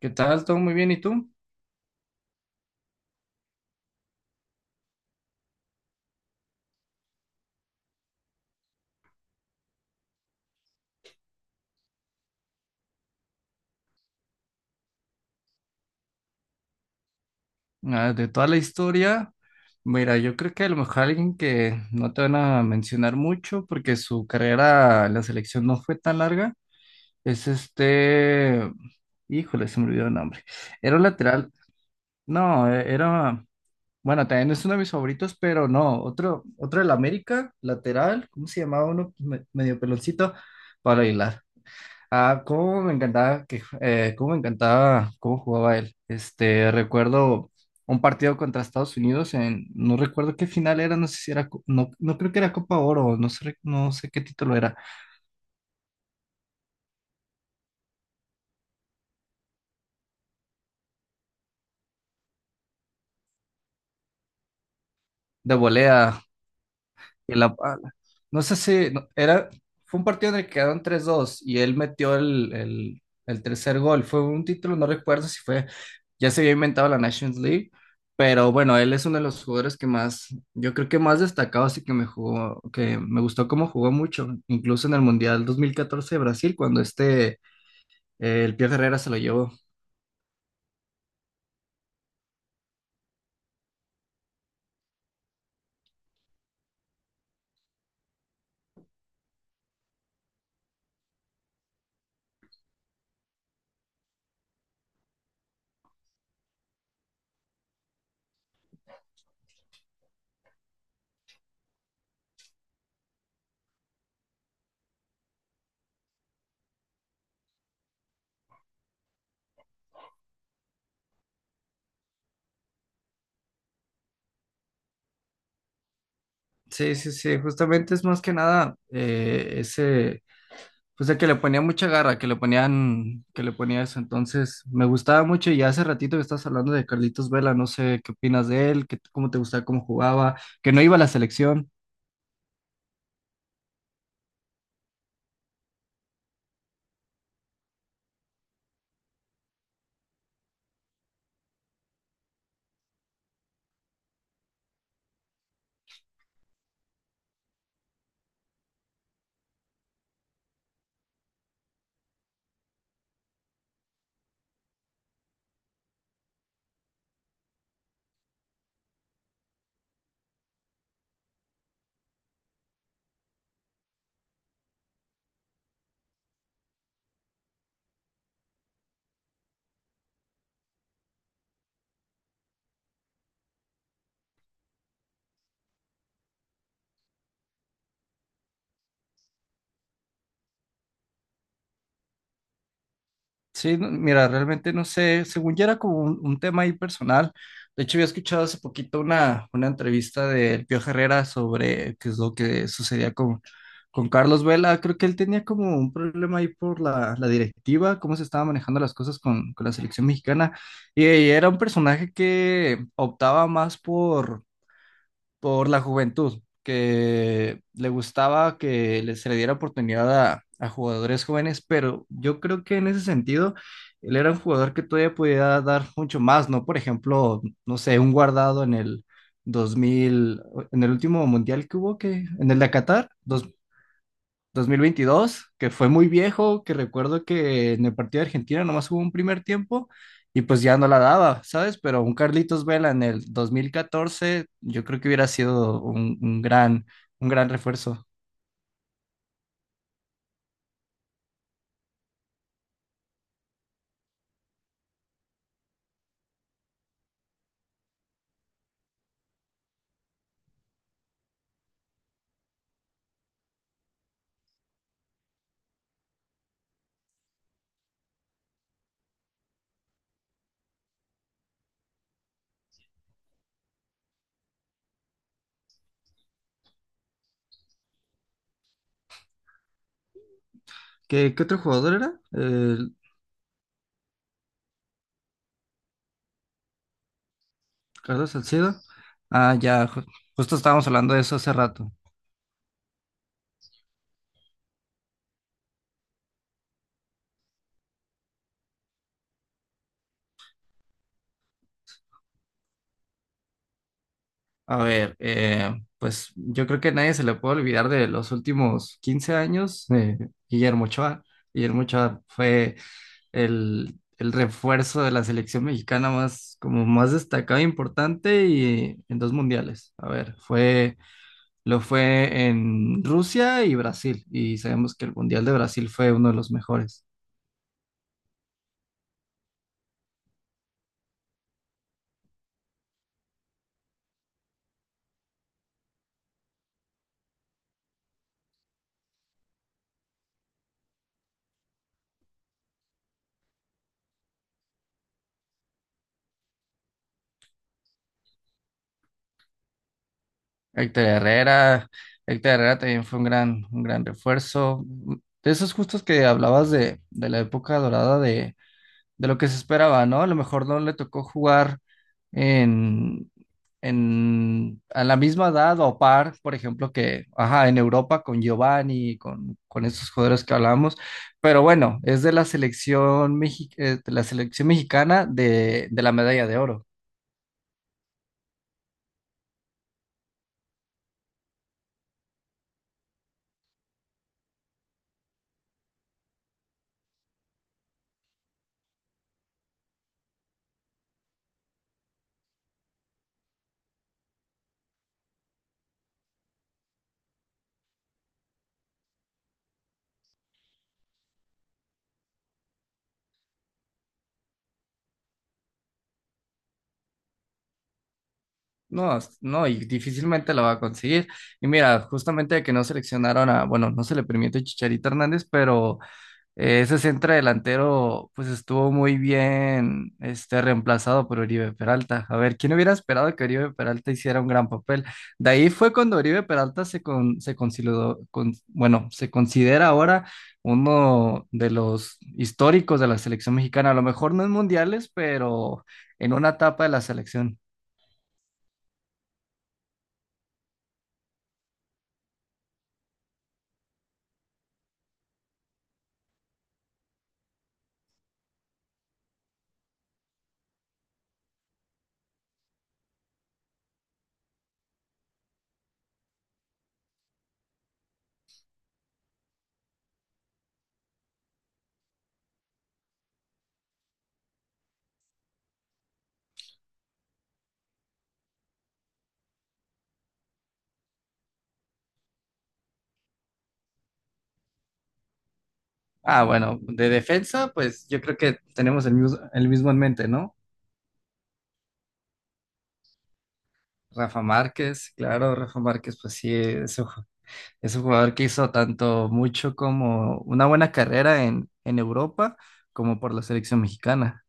¿Qué tal? ¿Todo muy bien? ¿Y tú? Ah, de toda la historia, mira, yo creo que a lo mejor alguien que no te van a mencionar mucho porque su carrera en la selección no fue tan larga, es este, híjole, se me olvidó el nombre. Era un lateral, no, era, bueno, también es uno de mis favoritos, pero no, otro del América, lateral, ¿cómo se llamaba uno? Medio peloncito, para Aguilar. Ah, cómo me encantaba cómo jugaba él. Este, recuerdo un partido contra Estados Unidos en, no recuerdo qué final era, no sé si era, no, no creo que era Copa Oro, no sé, no sé qué título era, de volea. Y la pala. No sé si no, era, fue un partido en el que quedaron 3-2 y él metió el tercer gol. Fue un título, no recuerdo si fue, ya se había inventado la Nations League, pero bueno, él es uno de los jugadores que más, yo creo que más destacado, así que me jugó, que me gustó cómo jugó mucho, incluso en el Mundial 2014 de Brasil, cuando este, el Pío Herrera se lo llevó. Sí, sí, sí, justamente es más que nada pues de que le ponía mucha garra, que le ponía eso. Entonces, me gustaba mucho y hace ratito que estás hablando de Carlitos Vela, no sé qué opinas de él, qué- cómo te gustaba, cómo jugaba, que no iba a la selección. Sí, no- mira, realmente no sé, según ya era como un tema ahí personal. De hecho, había escuchado hace poquito una entrevista del Pío Herrera sobre qué es lo que sucedía con, Carlos Vela. Creo que él tenía como un problema ahí por la directiva, cómo se estaban manejando las cosas con, la selección mexicana. Y, era un personaje que optaba más por la juventud, que le gustaba que se le diera oportunidad a jugadores jóvenes, pero yo creo que en ese sentido, él era un jugador que todavía podía dar mucho más, ¿no? Por ejemplo, no sé, un guardado 2000 en el último mundial que hubo, que en el de Qatar, 2022 que fue muy viejo, que recuerdo que en el partido de Argentina nomás hubo un primer tiempo y pues ya no la daba, ¿sabes? Pero un Carlitos Vela en el 2014 yo creo que hubiera sido un, un gran refuerzo. ¿Qué otro jugador era? El Carlos Salcedo. Ah, ya, justo estábamos hablando de eso hace rato. A ver, pues yo creo que a nadie se le puede olvidar de los últimos 15 años, Guillermo Ochoa. Guillermo Ochoa fue el refuerzo de la selección mexicana más, como más destacado e importante y en dos mundiales. A ver, fue, lo fue en Rusia y Brasil, y sabemos que el Mundial de Brasil fue uno de los mejores. Héctor Herrera, Héctor Herrera también fue un gran refuerzo. De esos justos que hablabas de la época dorada de lo que se esperaba, ¿no? A lo mejor no le tocó jugar en, a la misma edad o par, por ejemplo, que, ajá, en Europa con Giovanni, con estos jugadores que hablamos, pero bueno, es de la selección, de la selección mexicana de la medalla de oro. No, es- no, y difícilmente la va a conseguir. Y mira, justamente que no seleccionaron a, bueno, no se le permite a Chicharito Hernández, pero eh, ese centro delantero, pues estuvo muy bien este, reemplazado por Oribe Peralta. A ver, ¿quién hubiera esperado que Oribe Peralta hiciera un gran papel? De ahí fue cuando Oribe Peralta se, con, se consideró, con- bueno, se considera ahora uno de los históricos de la selección mexicana. A lo mejor no en mundiales, pero en una etapa de la selección. Ah, bueno, de defensa, pues yo creo que tenemos el mismo en mente, ¿no? Rafa Márquez, claro, Rafa Márquez, pues sí, eso es un jugador que hizo tanto mucho como una buena carrera en Europa como por la selección mexicana.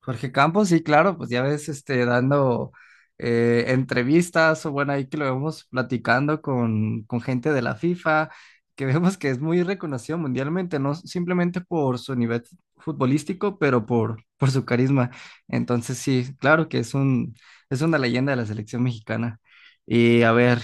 Jorge Campos, sí, claro, pues ya ves, este, dando entrevistas o bueno, ahí que lo vemos platicando con, gente de la FIFA, que vemos que es muy reconocido mundialmente, no simplemente por su nivel futbolístico, pero por su carisma. Entonces, sí, claro que es una leyenda de la selección mexicana. Y a ver,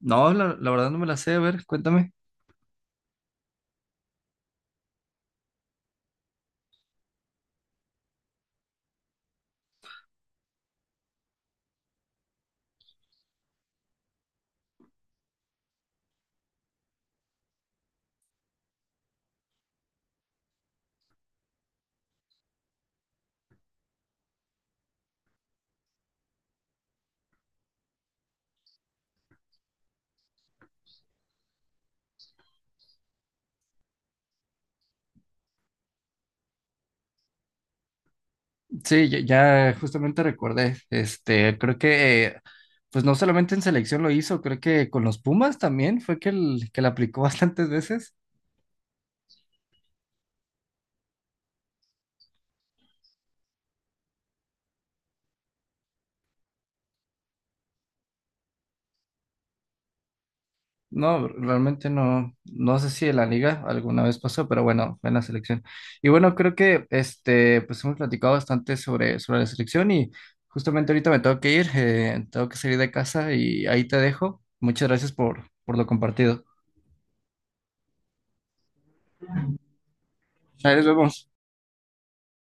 no, la verdad no me la sé, a ver, cuéntame. Sí, ya, ya justamente recordé, este, creo que, pues no solamente en selección lo hizo, creo que con los Pumas también fue que, el, que la aplicó bastantes veces. No, realmente no, no sé si en la liga alguna vez pasó, pero bueno, fue en la selección. Y bueno, creo que, este, pues hemos platicado bastante sobre la selección y justamente ahorita me tengo que ir, tengo que salir de casa y ahí te dejo. Muchas gracias por, lo compartido. Ahí nos vemos.